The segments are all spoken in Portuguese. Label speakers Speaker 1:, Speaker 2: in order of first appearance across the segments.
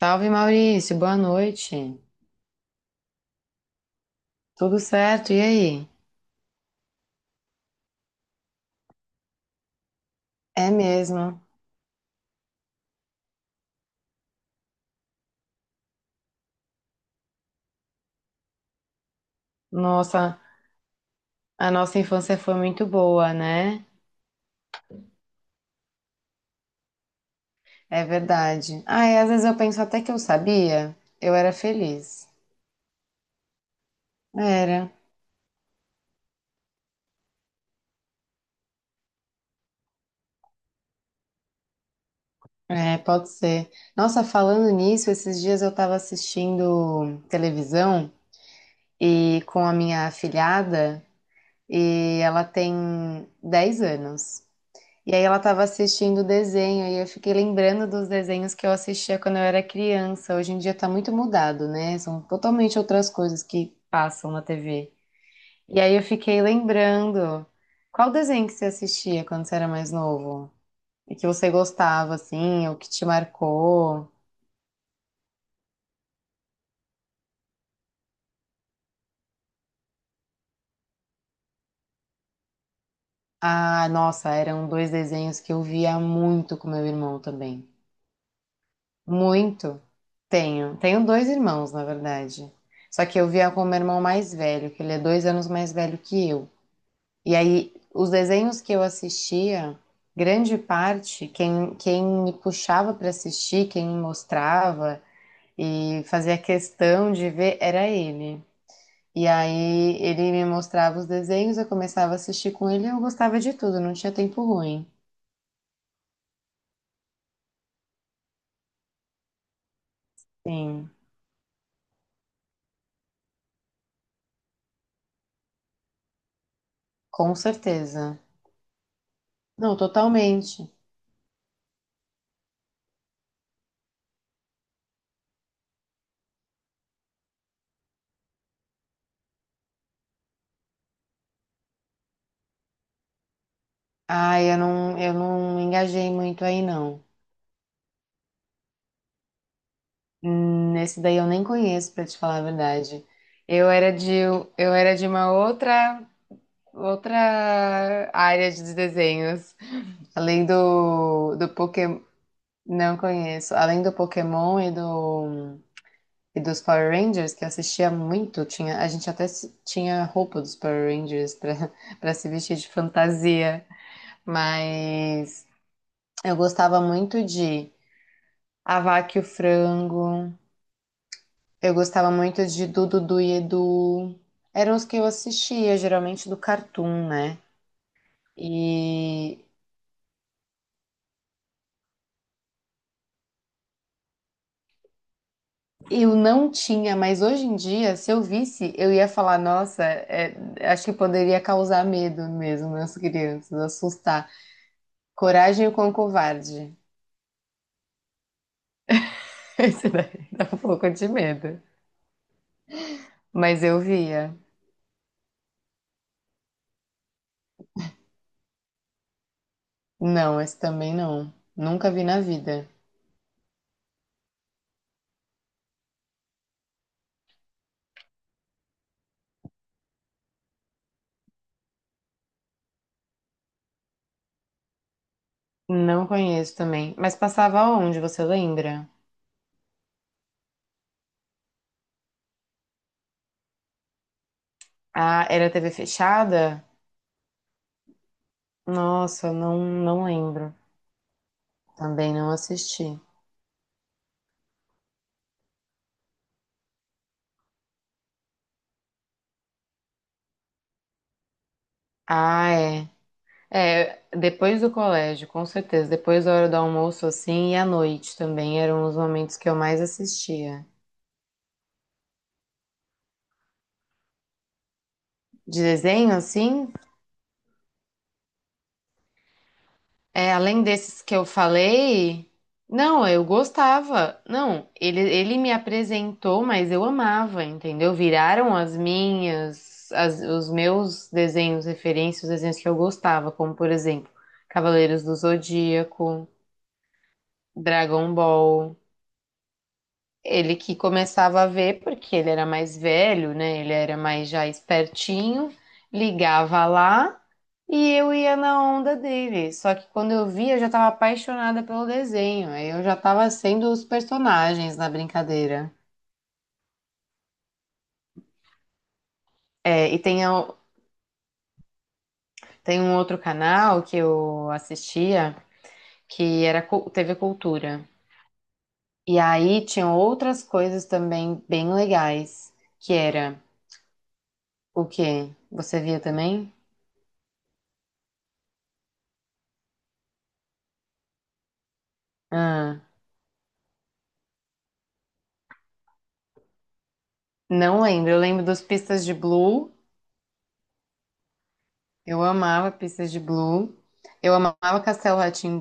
Speaker 1: Salve Maurício, boa noite. Tudo certo? E aí? É mesmo. Nossa, a nossa infância foi muito boa, né? É verdade. Ah, e às vezes eu penso até que eu sabia, eu era feliz. Era. É, pode ser. Nossa, falando nisso, esses dias eu tava assistindo televisão e com a minha afilhada e ela tem 10 anos. E aí ela estava assistindo o desenho e eu fiquei lembrando dos desenhos que eu assistia quando eu era criança. Hoje em dia tá muito mudado, né? São totalmente outras coisas que passam na TV. E aí eu fiquei lembrando. Qual desenho que você assistia quando você era mais novo? E que você gostava, assim, ou que te marcou? Ah, nossa, eram dois desenhos que eu via muito com meu irmão também. Muito. Tenho. Tenho dois irmãos, na verdade. Só que eu via com o meu irmão mais velho, que ele é 2 anos mais velho que eu. E aí, os desenhos que eu assistia, grande parte, quem me puxava para assistir, quem me mostrava e fazia questão de ver era ele. E aí, ele me mostrava os desenhos, eu começava a assistir com ele e eu gostava de tudo, não tinha tempo ruim. Sim, com certeza. Não, totalmente. Ah, eu não engajei muito aí, não. Esse daí eu nem conheço, pra te falar a verdade. Eu era de, eu era de uma outra área de desenhos. Além do Pokémon, não conheço. Além do Pokémon e dos Power Rangers, que eu assistia muito, tinha, a gente até tinha roupa dos Power Rangers para para se vestir de fantasia. Mas eu gostava muito de A Vaca e o Frango. Eu gostava muito de Dudu Du e Edu. Eram os que eu assistia, geralmente do Cartoon, né? E eu não tinha, mas hoje em dia, se eu visse, eu ia falar, nossa, é, acho que poderia causar medo mesmo nas crianças, assustar. Coragem com o covarde. Esse daí dá um pouco de medo. Mas eu via. Não, esse também não. Nunca vi na vida. Não conheço também. Mas passava onde, você lembra? Ah, era TV fechada? Nossa, não lembro. Também não assisti. Ah, é. É, depois do colégio, com certeza. Depois da hora do almoço, assim, e à noite também eram os momentos que eu mais assistia. De desenho, assim, é, além desses que eu falei, não, eu gostava. Não, ele me apresentou, mas eu amava, entendeu? Viraram as os meus desenhos, referências, os desenhos que eu gostava, como, por exemplo, Cavaleiros do Zodíaco. Dragon Ball. Ele que começava a ver, porque ele era mais velho, né? Ele era mais já espertinho, ligava lá e eu ia na onda dele. Só que quando eu via, eu já estava apaixonada pelo desenho. Aí eu já estava sendo os personagens na brincadeira. É, e tem, tem um outro canal que eu assistia que era TV Cultura. E aí tinham outras coisas também bem legais, que era o quê? Você via também? Ah, não lembro. Eu lembro dos Pistas de Blue. Eu amava Pistas de Blue. Eu amava Castelo rá tim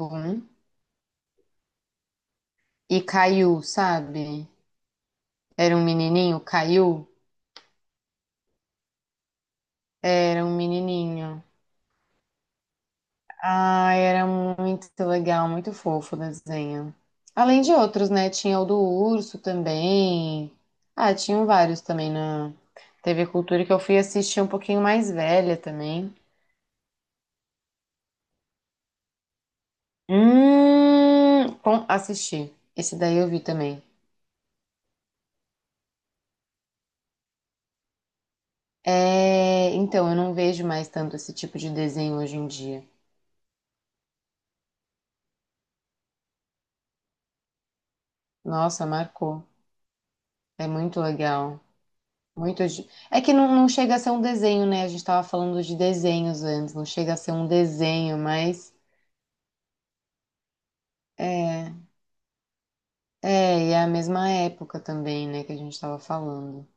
Speaker 1: e Caiu, sabe? Era um menininho, Caiu. Era um menininho. Ah, era muito legal, muito fofo o desenho. Além de outros, né? Tinha o do urso também. Ah, tinham vários também na TV Cultura que eu fui assistir um pouquinho mais velha também. Bom, assisti. Esse daí eu vi também. É, então, eu não vejo mais tanto esse tipo de desenho hoje em dia. Nossa, marcou. É muito legal. Muito. de- É que não chega a ser um desenho, né? A gente tava falando de desenhos antes, não chega a ser um desenho, mas é, é, e é a mesma época também, né, que a gente tava falando.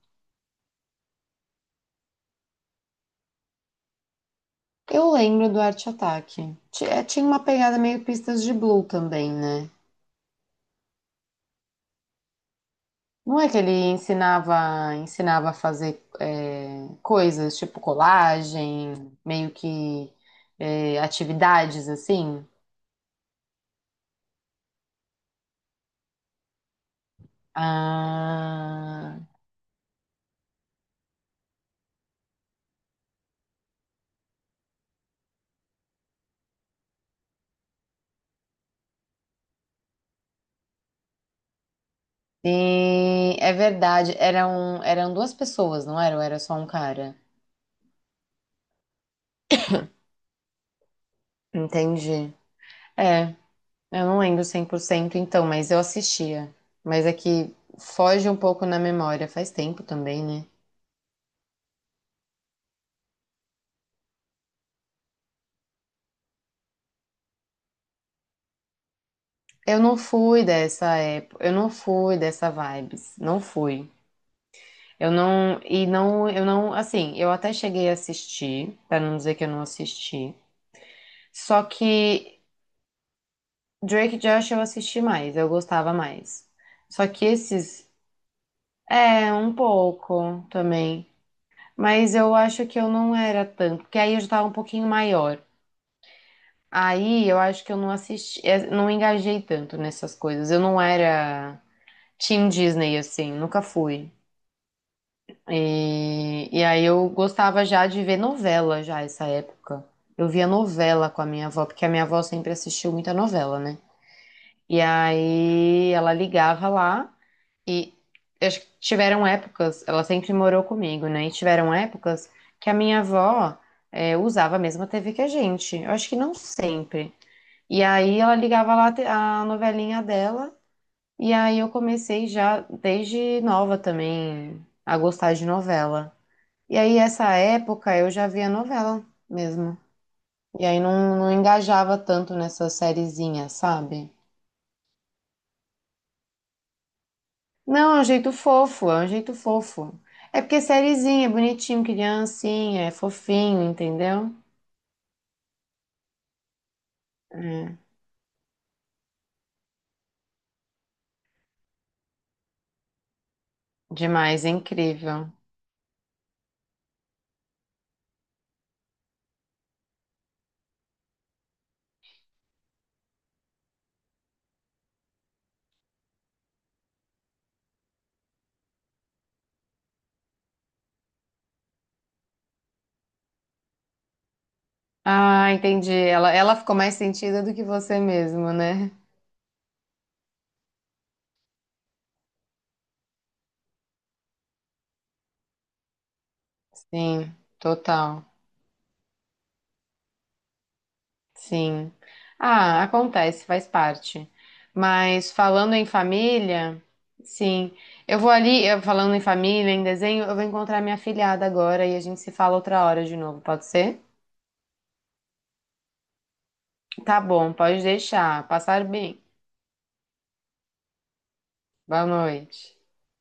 Speaker 1: Eu lembro do Arte Ataque. É, tinha uma pegada meio Pistas de Blue também, né? Não é que ele ensinava, ensinava a fazer é, coisas tipo colagem, meio que é, atividades assim? Ah, sim, é verdade. Eram, eram duas pessoas, não era? Ou era só um cara? Entendi. É, eu não lembro 100% então, mas eu assistia. Mas é que foge um pouco na memória, faz tempo também, né? Eu não fui dessa vibes, não fui. Eu não, e não, eu não, assim, eu até cheguei a assistir, pra não dizer que eu não assisti. Só que Drake e Josh eu assisti mais, eu gostava mais. Só que esses, é, um pouco também. Mas eu acho que eu não era tanto, porque aí eu já tava um pouquinho maior. Aí eu acho que eu não assisti, é, não engajei tanto nessas coisas. Eu não era Team Disney, assim, nunca fui. E aí eu gostava já de ver novela já essa época. Eu via novela com a minha avó, porque a minha avó sempre assistiu muita novela, né? E aí ela ligava lá e acho que tiveram épocas, ela sempre morou comigo, né? E tiveram épocas que a minha avó é, usava a mesma TV que a gente. Eu acho que não sempre. E aí ela ligava lá a novelinha dela, e aí eu comecei já desde nova também a gostar de novela. E aí, essa época, eu já via novela mesmo. E aí não engajava tanto nessa sériezinha, sabe? Não, é um jeito fofo, é um jeito fofo. É porque sériezinha, é bonitinho, criancinha, é fofinho, entendeu? É, demais, é incrível. Ah, entendi. Ela ficou mais sentida do que você mesmo, né? Sim, total. Sim. Ah, acontece, faz parte. Mas falando em família, sim. Eu vou ali, eu- falando em família, em desenho, eu vou encontrar minha filhada agora e a gente se fala outra hora de novo, pode ser? Tá bom, pode deixar. Passar bem. Boa noite.